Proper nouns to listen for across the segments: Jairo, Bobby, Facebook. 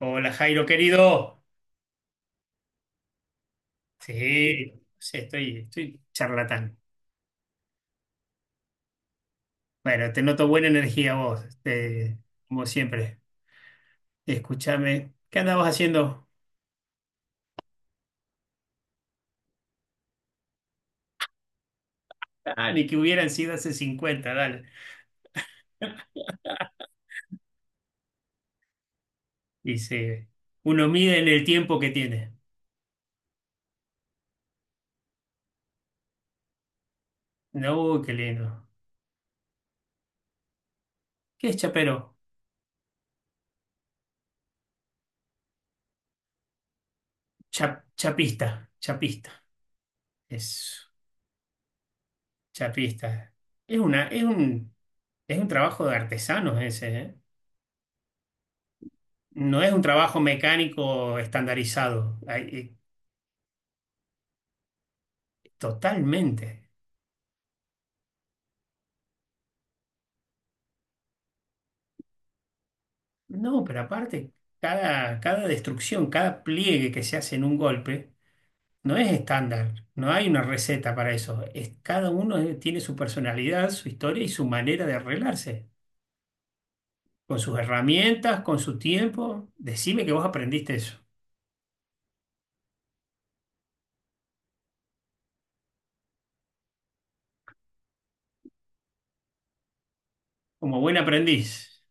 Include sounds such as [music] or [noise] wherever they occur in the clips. Hola Jairo, querido. Sí, sí, estoy charlatán. Bueno, te noto buena energía vos, como siempre. Escúchame, ¿qué andabas haciendo? Ah, ni que hubieran sido hace 50, dale. Dice, uno mide en el tiempo que tiene. No, qué lindo. ¿Qué es chapero? Chapista, chapista. Es chapista. Es una, es un, es un trabajo de artesanos ese, ¿eh? No es un trabajo mecánico estandarizado. Totalmente. No, pero aparte, cada destrucción, cada pliegue que se hace en un golpe, no es estándar, no hay una receta para eso. Es, cada uno tiene su personalidad, su historia y su manera de arreglarse, con sus herramientas, con su tiempo. Decime que vos aprendiste eso, como buen aprendiz.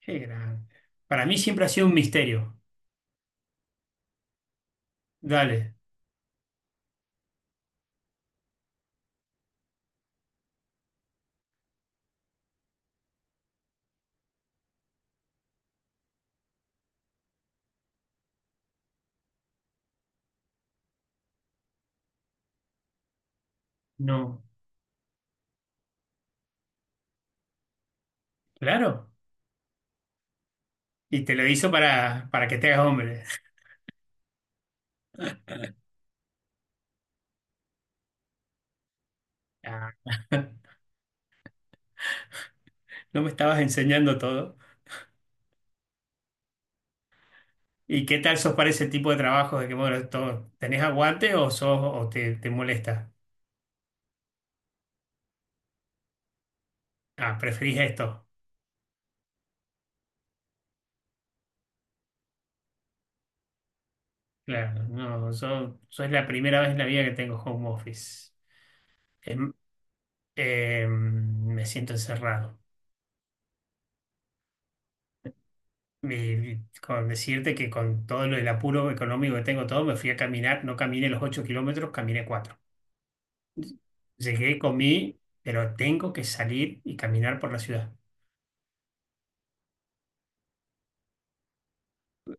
Qué grande. Para mí siempre ha sido un misterio. Dale, no, claro. Y te lo hizo para que te hagas hombre. [laughs] Ah, [laughs] no me estabas enseñando todo. ¿Y qué tal sos para ese tipo de trabajos? De que, bueno, ¿tenés aguante o sos, o te molesta? Ah, preferís esto. Claro, no, yo es la primera vez en la vida que tengo home office. Em, me siento encerrado. Y con decirte que con todo lo, el apuro económico que tengo todo, me fui a caminar, no caminé los 8 kilómetros, caminé 4. Llegué, comí, pero tengo que salir y caminar por la ciudad.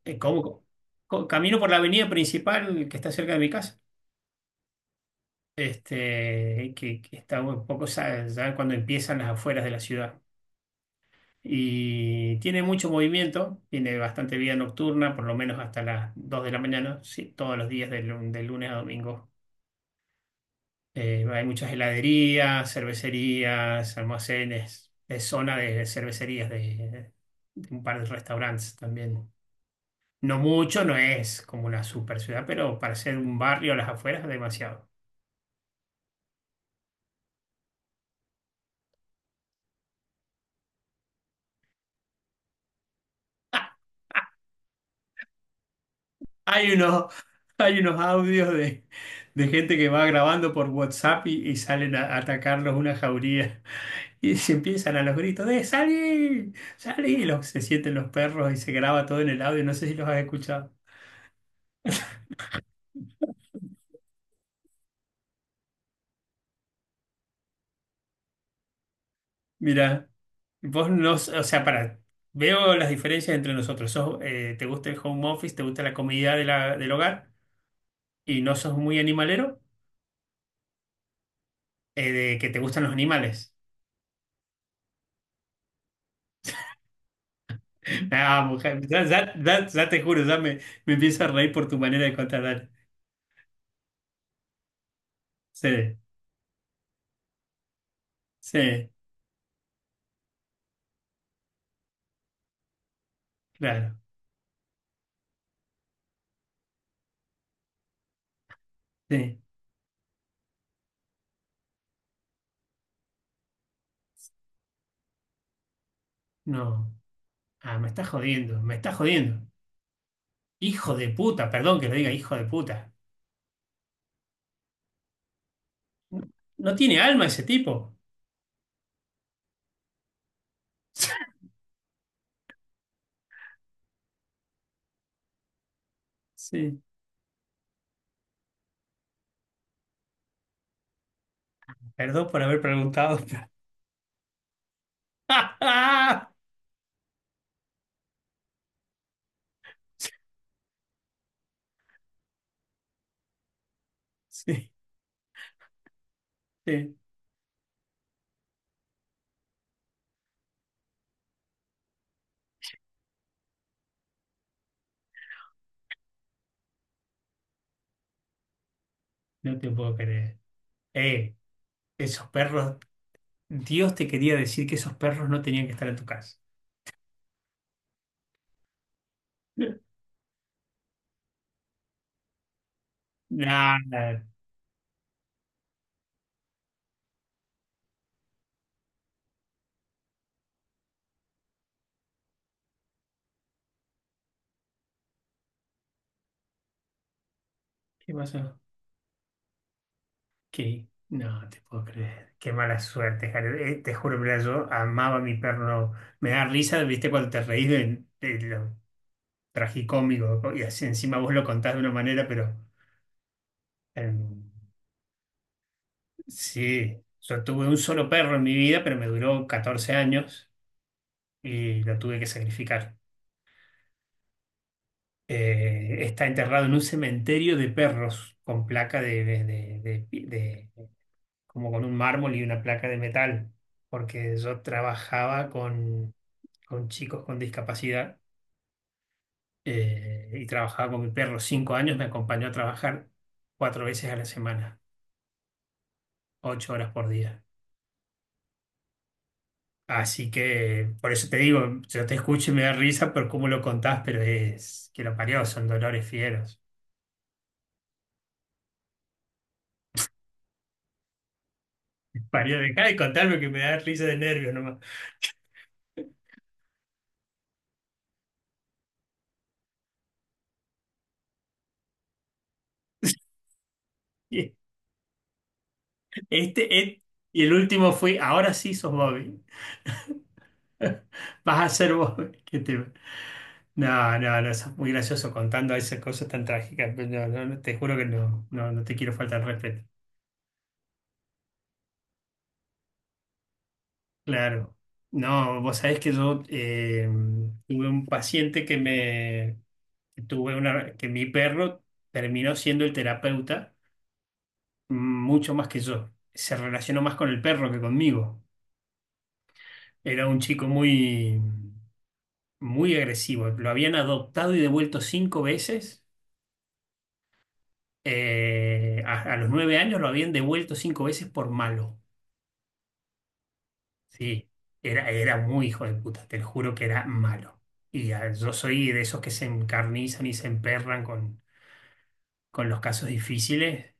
¿Cómo? Camino por la avenida principal que está cerca de mi casa. Que está un poco ya, cuando empiezan las afueras de la ciudad. Y tiene mucho movimiento, tiene bastante vida nocturna, por lo menos hasta las 2 de la mañana, sí, todos los días de, de lunes a domingo. Hay muchas heladerías, cervecerías, almacenes, es zona de cervecerías, de un par de restaurantes también. No mucho, no es como una super ciudad, pero para ser un barrio a las afueras, demasiado. Hay unos, hay unos audios de gente que va grabando por WhatsApp y salen a atacarlos una jauría. Y se empiezan a los gritos de ¡Salí! ¡Salí! Y los, se sienten los perros y se graba todo en el audio. No sé si los has escuchado. Mira, vos no, o sea, para, veo las diferencias entre nosotros. Sos, ¿te gusta el home office? ¿Te gusta la comodidad de del hogar? Y no sos muy animalero, de que te gustan los animales. Ah, mujer, ya, ya te juro, me empiezo a reír por tu manera de contar. Sí, sí, claro, sí, no. Ah, me está jodiendo, me está jodiendo. Hijo de puta, perdón que le diga hijo de puta. No, no tiene alma ese tipo. [laughs] Sí, perdón por haber preguntado. [laughs] Sí, sí, no te puedo creer. Eh, esos perros, Dios te quería decir que esos perros no tenían que estar en tu casa. [laughs] Nada, ¿qué pasó? Que no te puedo creer. Qué mala suerte, Jared. Te juro, mira, yo amaba a mi perro. Me da risa, viste, cuando te reís de lo tragicómico, ¿no? Y así encima vos lo contás de una manera, pero eh, sí, yo tuve un solo perro en mi vida, pero me duró 14 años y lo tuve que sacrificar. Está enterrado en un cementerio de perros con placa de, de, como con un mármol y una placa de metal, porque yo trabajaba con chicos con discapacidad, y trabajaba con mi perro. 5 años me acompañó a trabajar 4 veces a la semana, 8 horas por día. Así que por eso te digo, yo te escucho y me da risa por cómo lo contás, pero es que lo parió, son dolores fieros. Parió, dejá de contarme que me da risa de nervios nomás. [laughs] Y Este, et- y el último fue, ahora sí sos Bobby. [laughs] Vas a ser Bobby. [laughs] ¿Qué te No, no, no, sos muy gracioso contando esas cosas tan trágicas. Pero no, no, no, te juro que no, no, no te quiero faltar el respeto. Claro. No, vos sabés que yo tuve un paciente que me que tuve una que mi perro terminó siendo el terapeuta, mm, mucho más que yo. Se relacionó más con el perro que conmigo. Era un chico muy muy agresivo. Lo habían adoptado y devuelto 5 veces. A los 9 años lo habían devuelto 5 veces por malo. Sí, era muy hijo de puta, te lo juro que era malo. Y yo soy de esos que se encarnizan y se emperran con los casos difíciles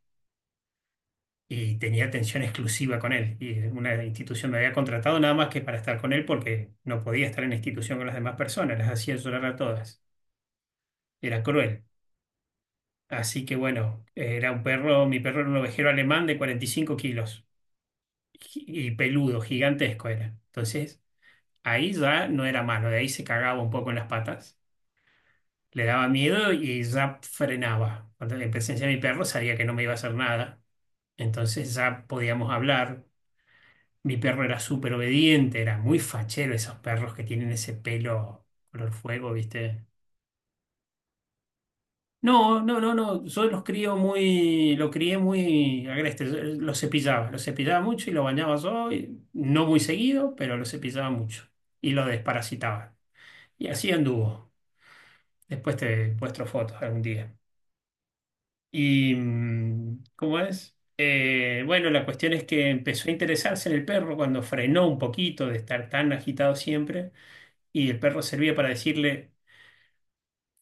y tenía atención exclusiva con él. Y una institución me había contratado nada más que para estar con él porque no podía estar en la institución con las demás personas, las hacía llorar a todas. Era cruel. Así que bueno, era un perro, mi perro era un ovejero alemán de 45 kilos y peludo, gigantesco era. Entonces, ahí ya no era malo, de ahí se cagaba un poco en las patas. Le daba miedo y ya frenaba. Cuando en presencia de mi perro sabía que no me iba a hacer nada. Entonces ya podíamos hablar. Mi perro era súper obediente, era muy fachero, esos perros que tienen ese pelo color fuego, ¿viste? No, no, no, no. Yo los crío muy, lo crié muy agreste. Yo los cepillaba, mucho y lo bañaba yo, no muy seguido, pero lo cepillaba mucho y lo desparasitaba. Y así anduvo. Después te muestro fotos algún día. Y, ¿cómo es? Bueno, la cuestión es que empezó a interesarse en el perro cuando frenó un poquito de estar tan agitado siempre, y el perro servía para decirle,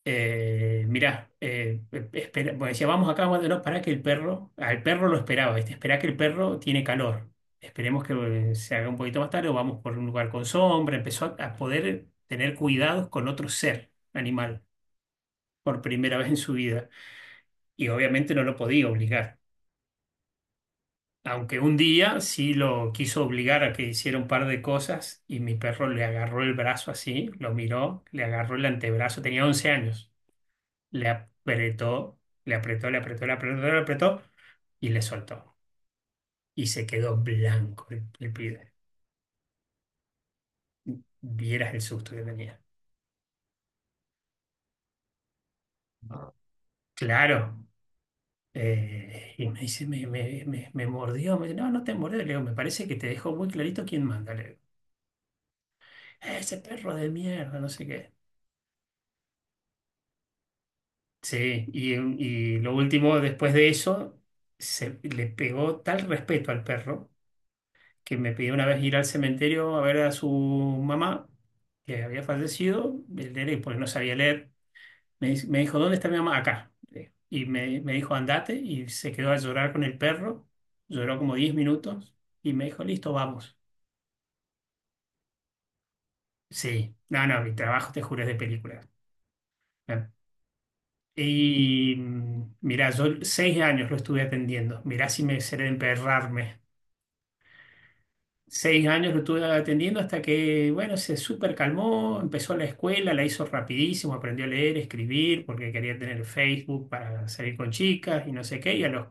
mirá, espera, bueno, decía, vamos acá, vamos, no, para que el perro, al perro lo esperaba, esperá que el perro tiene calor, esperemos que se haga un poquito más tarde o vamos por un lugar con sombra, empezó a poder tener cuidados con otro ser animal por primera [laughs] vez en su vida, y obviamente no lo podía obligar. Aunque un día sí lo quiso obligar a que hiciera un par de cosas y mi perro le agarró el brazo así, lo miró, le agarró el antebrazo, tenía 11 años, le apretó, le apretó, le apretó, le apretó, le apretó y le soltó. Y se quedó blanco el pibe. Vieras el susto que tenía. Claro. Y me dice, me mordió. Me dice, no, no te mordió. Le digo, me parece que te dejó muy clarito quién manda. Le digo, ese perro de mierda, no sé qué. Sí, y lo último, después de eso, se le pegó tal respeto al perro que me pidió una vez ir al cementerio a ver a su mamá, que había fallecido, el nene, porque no sabía leer. Me dijo, ¿dónde está mi mamá? Acá. Y me dijo, andate, y se quedó a llorar con el perro. Lloró como 10 minutos y me dijo, listo, vamos. Sí, no, no, mi trabajo, te juro, es de película. Y mira, yo 6 años lo estuve atendiendo. Mirá si me seré de emperrarme. 6 años lo estuve atendiendo hasta que, bueno, se súper calmó, empezó la escuela, la hizo rapidísimo, aprendió a leer, escribir, porque quería tener Facebook para salir con chicas y no sé qué.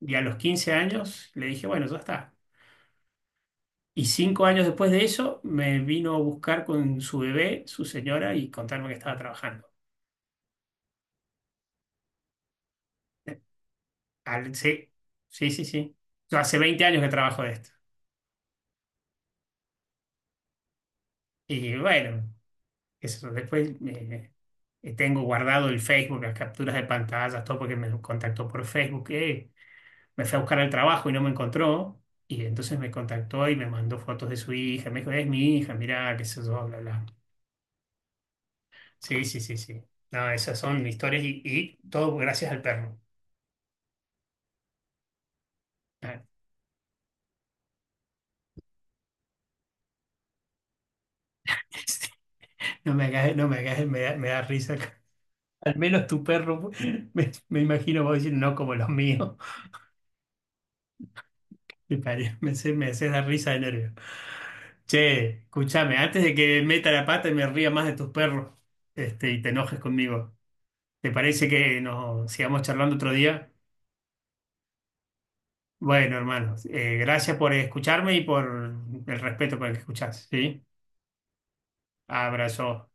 Y a los 15 años le dije, bueno, ya está. Y 5 años después de eso me vino a buscar con su bebé, su señora, y contarme que estaba trabajando. Sí, sí, sí, sí. Yo hace 20 años que trabajo de esto. Y bueno, eso, después tengo guardado el Facebook, las capturas de pantallas, todo porque me contactó por Facebook, me fue a buscar al trabajo y no me encontró. Y entonces me contactó y me mandó fotos de su hija. Me dijo, es mi hija, mirá, qué sé yo, bla, bla. Sí, sí, sí, sí. No, esas son historias y todo gracias al perro. Ah, [laughs] no me hagas, no me hagas, me da risa. Al menos tu perro, [laughs] me imagino vos diciendo, no como los míos. [laughs] Me hace dar risa de nervio. Che, escúchame, antes de que meta la pata y me ría más de tus perros, y te enojes conmigo, ¿te parece que nos sigamos charlando otro día? Bueno, hermano, gracias por escucharme y por el respeto con el que escuchás, ¿sí? Abrazo.